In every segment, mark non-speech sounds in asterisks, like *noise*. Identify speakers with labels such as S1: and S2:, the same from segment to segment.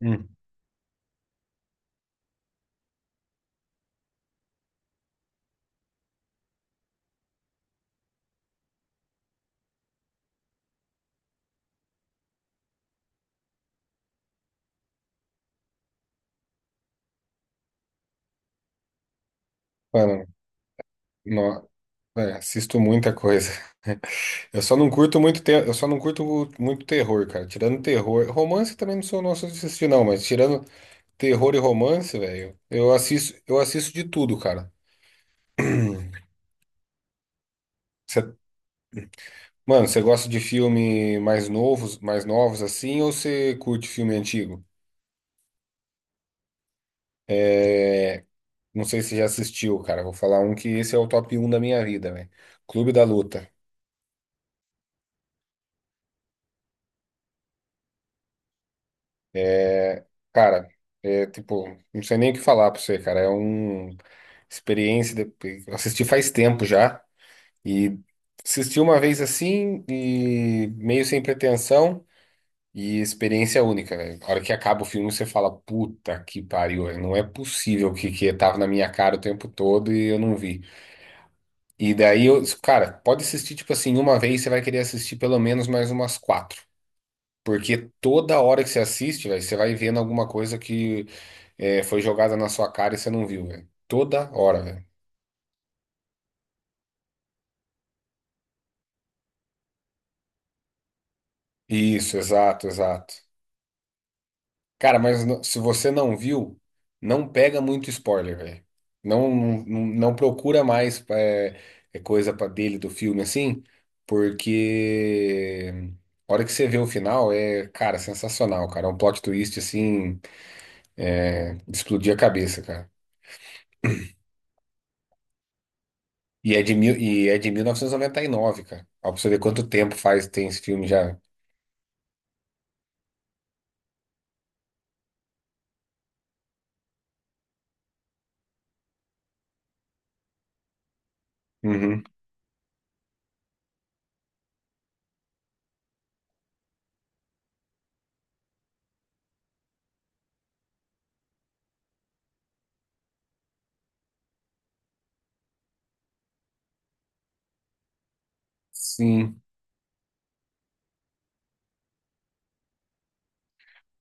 S1: Hum. Mano, no- assisto muita coisa. *laughs* Eu só não curto muito terror, cara. Tirando terror, romance também não sou nosso de assistir não, mas tirando terror e romance, velho, eu assisto de tudo, cara. *clears throat* Cê- mano, você gosta de filme mais novos assim, ou você curte filme antigo? Não sei se já assistiu, cara. Vou falar um que esse é o top um da minha vida, velho. Clube da Luta. Cara, é tipo, não sei nem o que falar pra você, cara. É uma experiência. Eu assisti faz tempo já. E assisti uma vez assim, e meio sem pretensão, e experiência única, velho. A hora que acaba o filme, você fala, puta que pariu, velho. Não é possível que, tava na minha cara o tempo todo e eu não vi. E daí eu, cara, pode assistir, tipo assim, uma vez, você vai querer assistir pelo menos mais umas quatro. Porque toda hora que você assiste, velho, você vai vendo alguma coisa que foi jogada na sua cara e você não viu, velho. Toda hora, velho. Isso, exato, exato. Cara, mas se você não viu, não pega muito spoiler, velho. Não, não, não procura mais é coisa pra dele do filme assim, porque a hora que você vê o final é, cara, sensacional, cara. É um plot twist assim, de explodir a cabeça, cara. E é de 1999, cara. Ó, pra você ver quanto tempo faz tem esse filme já. Uhum. Sim.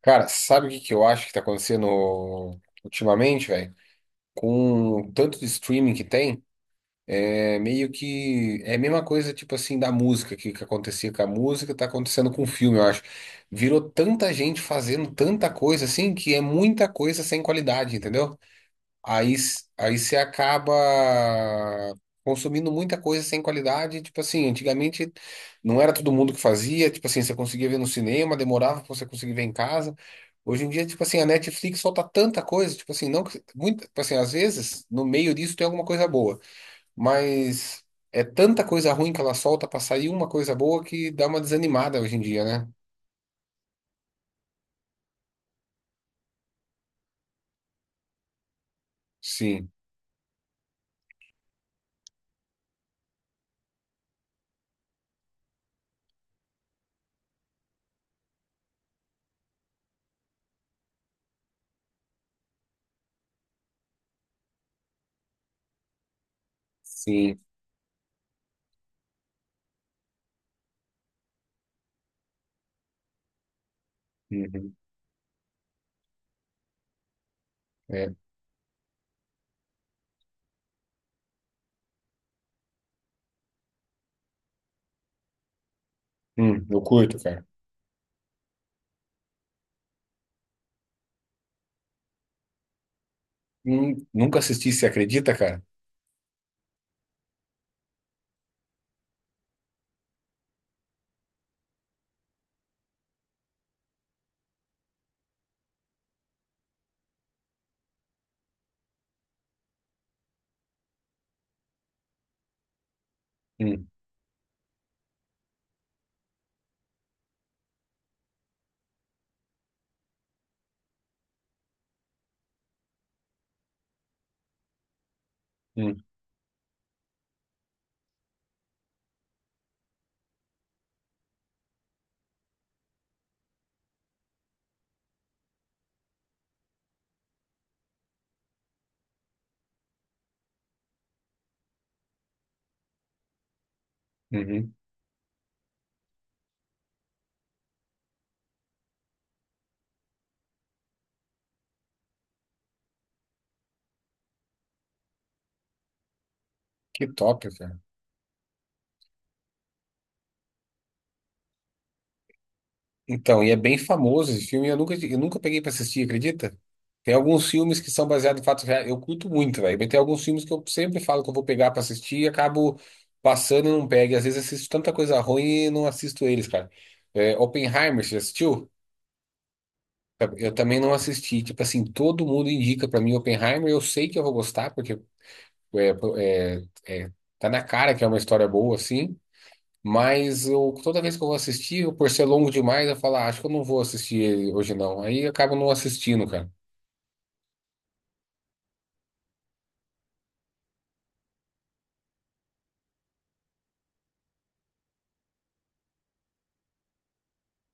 S1: Cara, sabe o que que eu acho que tá acontecendo ultimamente, velho? Com o tanto de streaming que tem, é meio que, é a mesma coisa, tipo assim, da música, que acontecia com a música, tá acontecendo com o filme, eu acho. Virou tanta gente fazendo tanta coisa assim, que é muita coisa sem qualidade, entendeu? Aí, você acaba consumindo muita coisa sem qualidade. Tipo assim, antigamente não era todo mundo que fazia. Tipo assim, você conseguia ver no cinema, demorava pra você conseguir ver em casa. Hoje em dia, tipo assim, a Netflix solta tanta coisa. Tipo assim, não que, muito, tipo assim, às vezes no meio disso tem alguma coisa boa, mas é tanta coisa ruim que ela solta pra sair uma coisa boa que dá uma desanimada hoje em dia, né? Sim, sim. Uhum. É. Eu curto, cara. Nunca assisti, você acredita, cara? Hum. Hum, uhum. Que top, cara. Então, e é bem famoso esse filme. Eu nunca peguei pra assistir, acredita? Tem alguns filmes que são baseados em fatos reais. Eu curto muito, velho. Mas tem alguns filmes que eu sempre falo que eu vou pegar pra assistir e acabo passando e não pego. E às vezes assisto tanta coisa ruim e não assisto eles, cara. É, Oppenheimer, você já assistiu? Eu também não assisti. Tipo assim, todo mundo indica pra mim Oppenheimer. Eu sei que eu vou gostar, porque é, é, é, tá na cara que é uma história boa, assim. Mas eu, toda vez que eu vou assistir, eu, por ser longo demais, eu falo, ah, acho que eu não vou assistir ele hoje não. Aí eu acabo não assistindo, cara.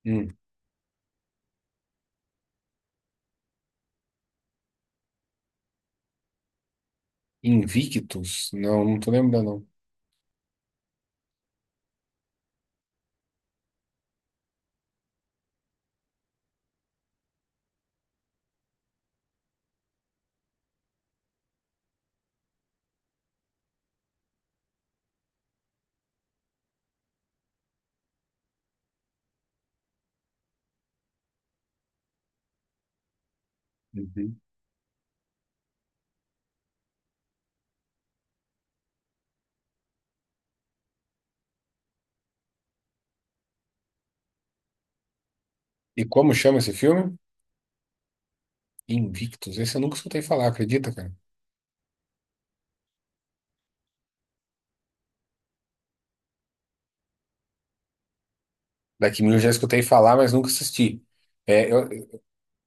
S1: Hum. Invictus? Não, não tô lembrando, não. Uhum. E como chama esse filme? Invictus. Esse eu nunca escutei falar, acredita, cara? Da Kim eu já escutei falar, mas nunca assisti. É, eu,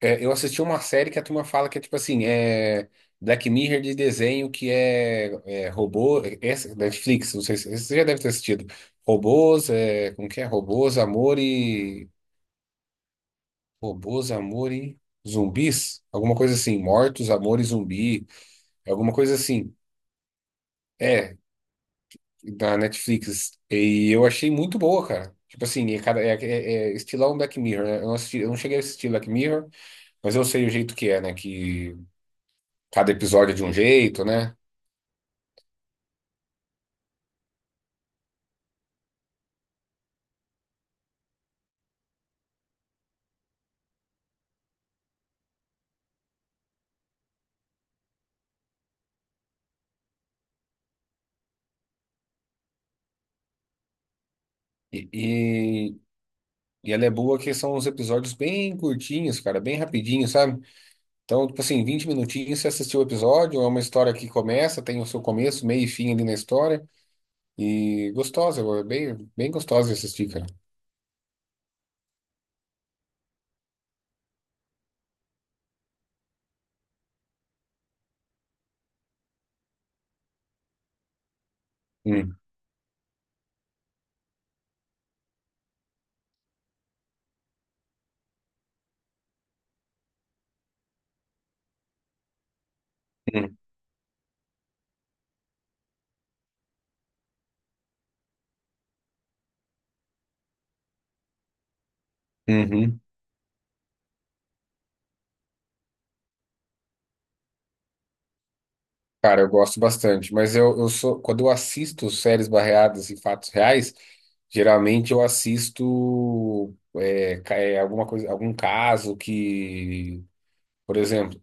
S1: eu assisti uma série que a turma fala que é tipo assim, Black Mirror de desenho que é robô, Netflix, não sei se você já deve ter assistido. Robôs, é, como que é? Robôs, amor e Robôs, amor e zumbis? Alguma coisa assim. Mortos, amor e zumbi. Alguma coisa assim. É, da Netflix. E eu achei muito boa, cara. Tipo assim, é, cada, é, é, é estilão Black Mirror, né? Eu não cheguei a assistir Black Mirror, mas eu sei o jeito que é, né? Que cada episódio é de um jeito, né? E, e, e ela é boa que são uns episódios bem curtinhos, cara, bem rapidinho, sabe? Então, tipo assim, 20 minutinhos você assistiu o episódio, é uma história que começa, tem o seu começo, meio e fim ali na história. E gostosa, é bem, bem gostosa de assistir, cara. Hum, hum, uhum. Cara, eu gosto bastante, mas quando eu assisto séries barreadas em fatos reais, geralmente eu assisto alguma coisa, algum caso que, por exemplo,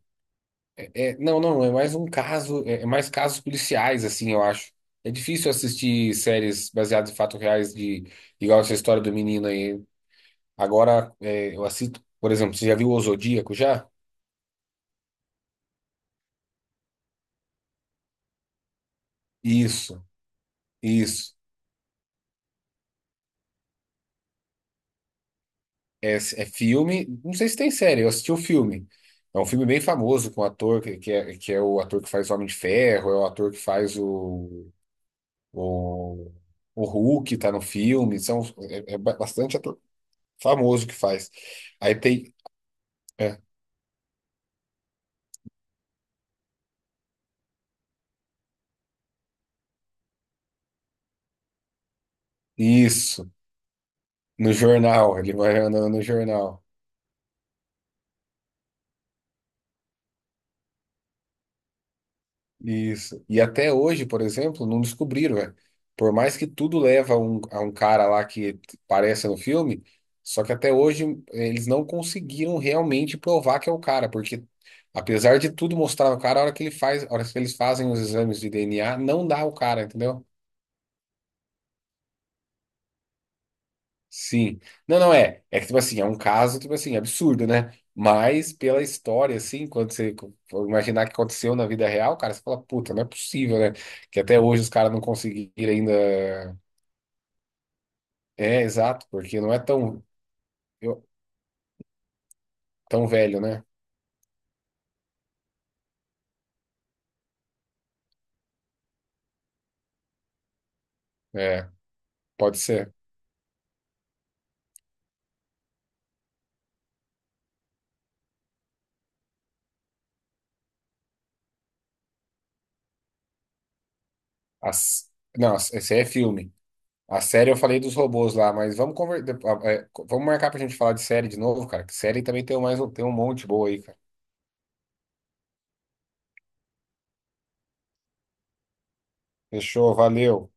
S1: é, é- não, não, é mais um caso, é mais casos policiais, assim, eu acho. É difícil assistir séries baseadas em fatos reais de, igual essa história do menino aí. Agora, eu assisto, por exemplo, você já viu O Zodíaco já? Isso, isso. É filme. Não sei se tem série, eu assisti o filme. É um filme bem famoso com o ator que é o ator que faz o Homem de Ferro, é o ator que faz o, o, o, Hulk, tá no filme. São bastante ator famoso que faz. Aí tem. é, isso, no jornal, ele vai andando no jornal. Isso. E até hoje, por exemplo, não descobriram, velho. Por mais que tudo leva a um cara lá que aparece no filme, só que até hoje eles não conseguiram realmente provar que é o cara, porque apesar de tudo mostrar o cara, a hora que ele faz, a hora que eles fazem os exames de DNA, não dá o cara, entendeu? Sim. Não, não é. É que, tipo assim, é um caso, tipo assim, absurdo, né? Mas pela história, assim, quando você for imaginar que aconteceu na vida real, cara, você fala, puta, não é possível, né? Que até hoje os caras não conseguiram ainda. É, exato, porque não é eu- tão velho, né? É, pode ser. As... Não, esse aí é filme. A série eu falei dos robôs lá, mas vamos conver... de- ah, é, co- vamos marcar pra gente falar de série de novo, cara. Que série também tem um monte boa aí, cara. Fechou, valeu.